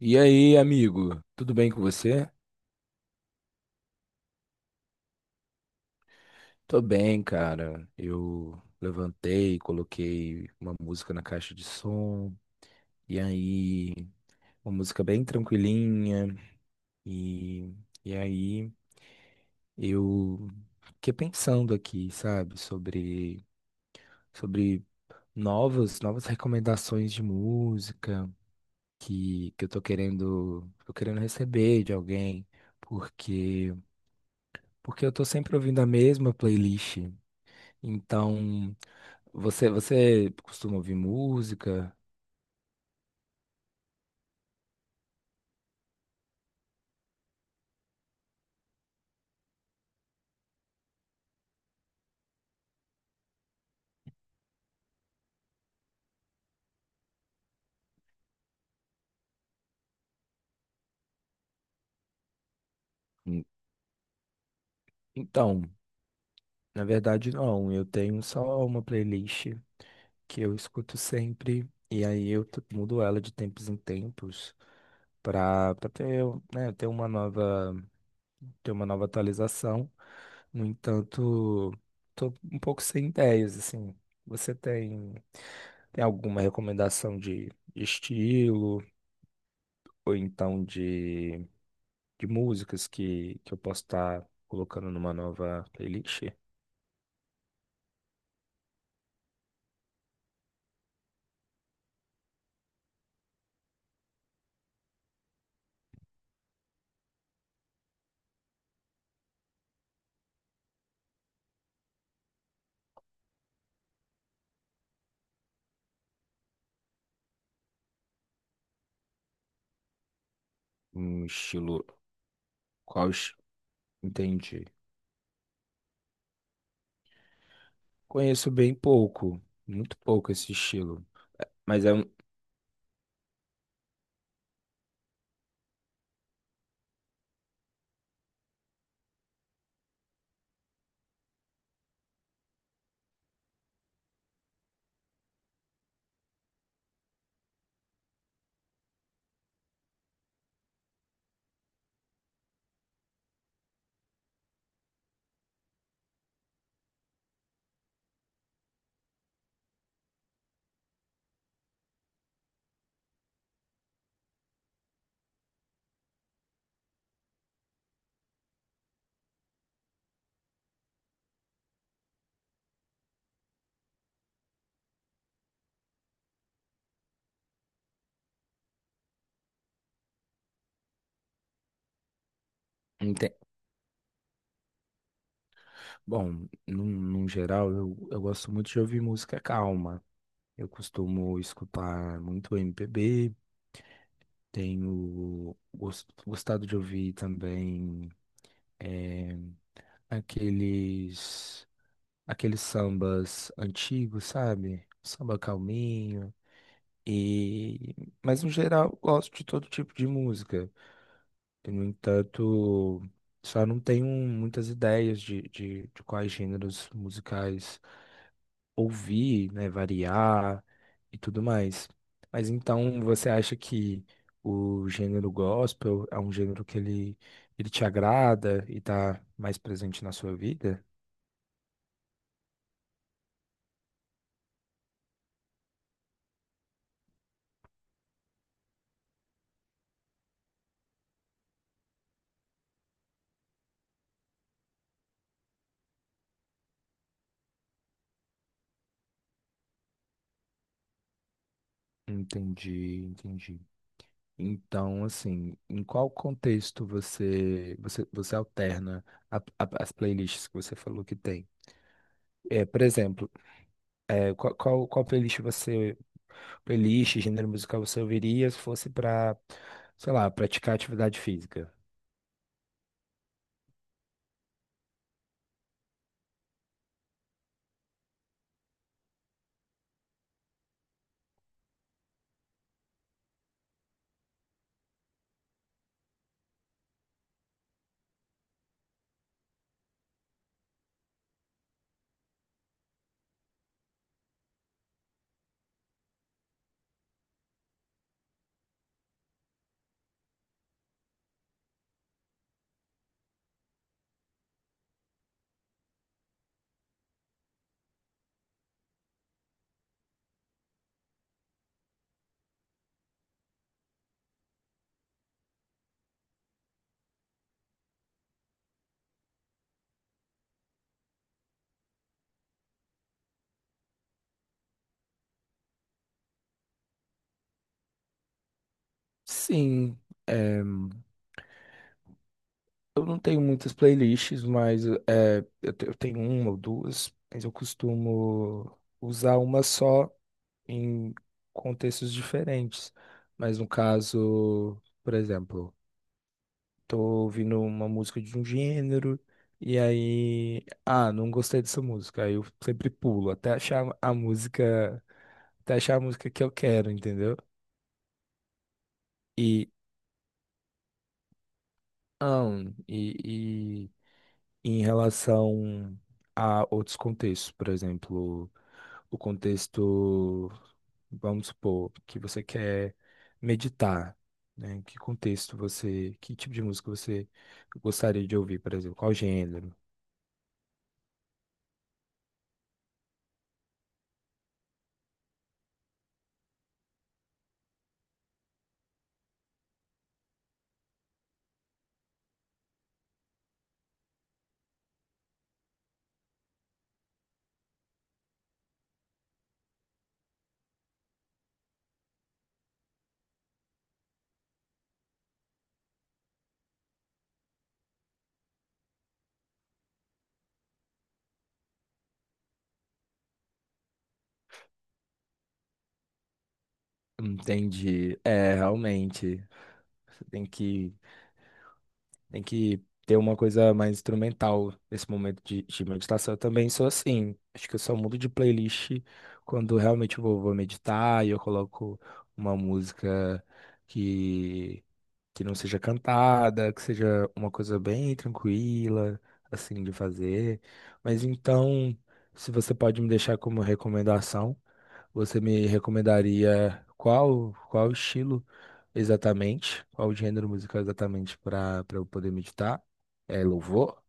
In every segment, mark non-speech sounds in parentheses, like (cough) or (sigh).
E aí, amigo? Tudo bem com você? Tô bem, cara. Eu levantei, coloquei uma música na caixa de som, e aí, uma música bem tranquilinha, e, e aí eu fiquei pensando aqui, sabe, sobre novas recomendações de música que eu tô tô querendo receber de alguém, porque, porque eu tô sempre ouvindo a mesma playlist. Então, você costuma ouvir música? Hum. Então, na verdade não, eu tenho só uma playlist que eu escuto sempre e aí mudo ela de tempos em tempos para ter, né, ter uma nova atualização. No entanto, tô um pouco sem ideias assim. Você tem tem alguma recomendação de estilo ou então de músicas que eu posso estar colocando numa nova playlist? Um estilo. Qual? es- Entendi. Conheço bem pouco, muito pouco esse estilo. Mas é um. ente- Bom, num geral, eu gosto muito de ouvir música calma. Eu costumo escutar muito MPB, tenho gostado de ouvir também eh, aqueles, aqueles sambas antigos, sabe? Samba calminho. E, mas no geral, eu gosto de todo tipo de música. E, no entanto, só não tenho muitas ideias de quais gêneros musicais ouvir, né, variar e tudo mais. Mas então, você acha que o gênero gospel é um gênero que ele te agrada e está mais presente na sua vida? Entendi, entendi. Então, assim, em qual contexto você alterna as playlists que você falou que tem? É, por exemplo, é, qual playlist você playlist, gênero musical você ouviria se fosse para, sei lá, praticar atividade física? Sim, eu não tenho muitas playlists, mas é, eu tenho uma ou duas, mas eu costumo usar uma só em contextos diferentes. Mas no caso, por exemplo, tô ouvindo uma música de um gênero, e aí, ah, não gostei dessa música. Aí eu sempre pulo até achar a até achar a música que eu quero, entendeu? E, ah, e, e em relação a outros contextos, por exemplo, o contexto, vamos supor, que você quer meditar, né? Que contexto que tipo de música você gostaria de ouvir, por exemplo, qual gênero? Entendi. É, realmente. Você tem que, tem que ter uma coisa mais instrumental nesse momento de meditação. Eu também sou assim. Acho que eu só mudo de playlist quando realmente vou meditar e eu coloco uma música que que não seja cantada, que seja uma coisa bem tranquila, assim, de fazer. Mas então, se você pode me deixar como recomendação, você me recomendaria qual estilo exatamente, qual gênero musical exatamente para eu poder meditar? É louvor?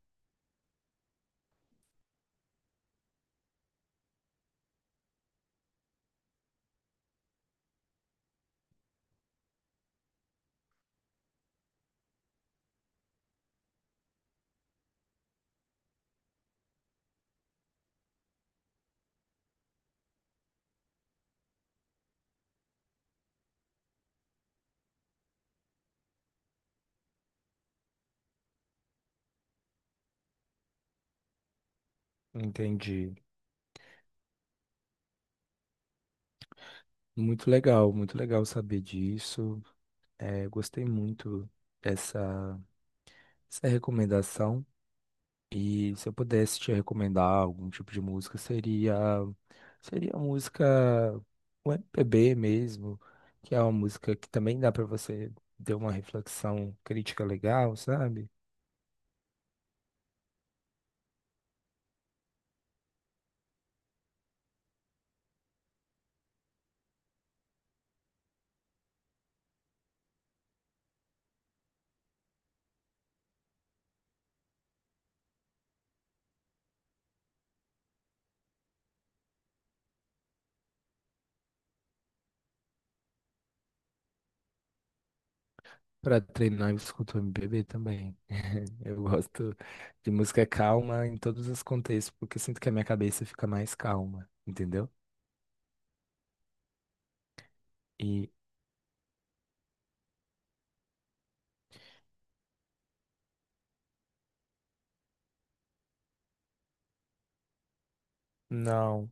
Entendi. Muito legal saber disso. É, gostei muito dessa, dessa recomendação. E se eu pudesse te recomendar algum tipo de música, seria a música o MPB mesmo, que é uma música que também dá pra você ter uma reflexão crítica legal, sabe? Pra treinar eu escuto MPB também. (laughs) Eu gosto de música calma em todos os contextos, porque eu sinto que a minha cabeça fica mais calma, entendeu? E não,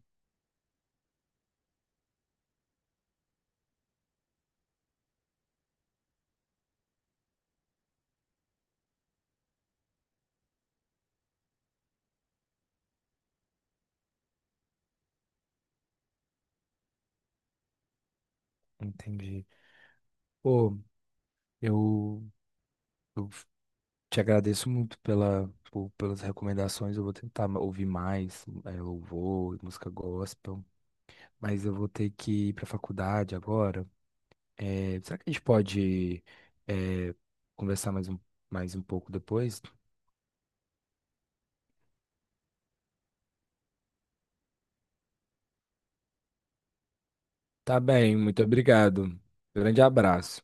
entendi. Pô, eu, eu te agradeço muito pelas recomendações. Eu vou tentar ouvir mais, é, louvor, música gospel. Mas eu vou ter que ir para a faculdade agora. É, será que a gente é, conversar mais um pouco depois? Tá bem, muito obrigado. Grande abraço.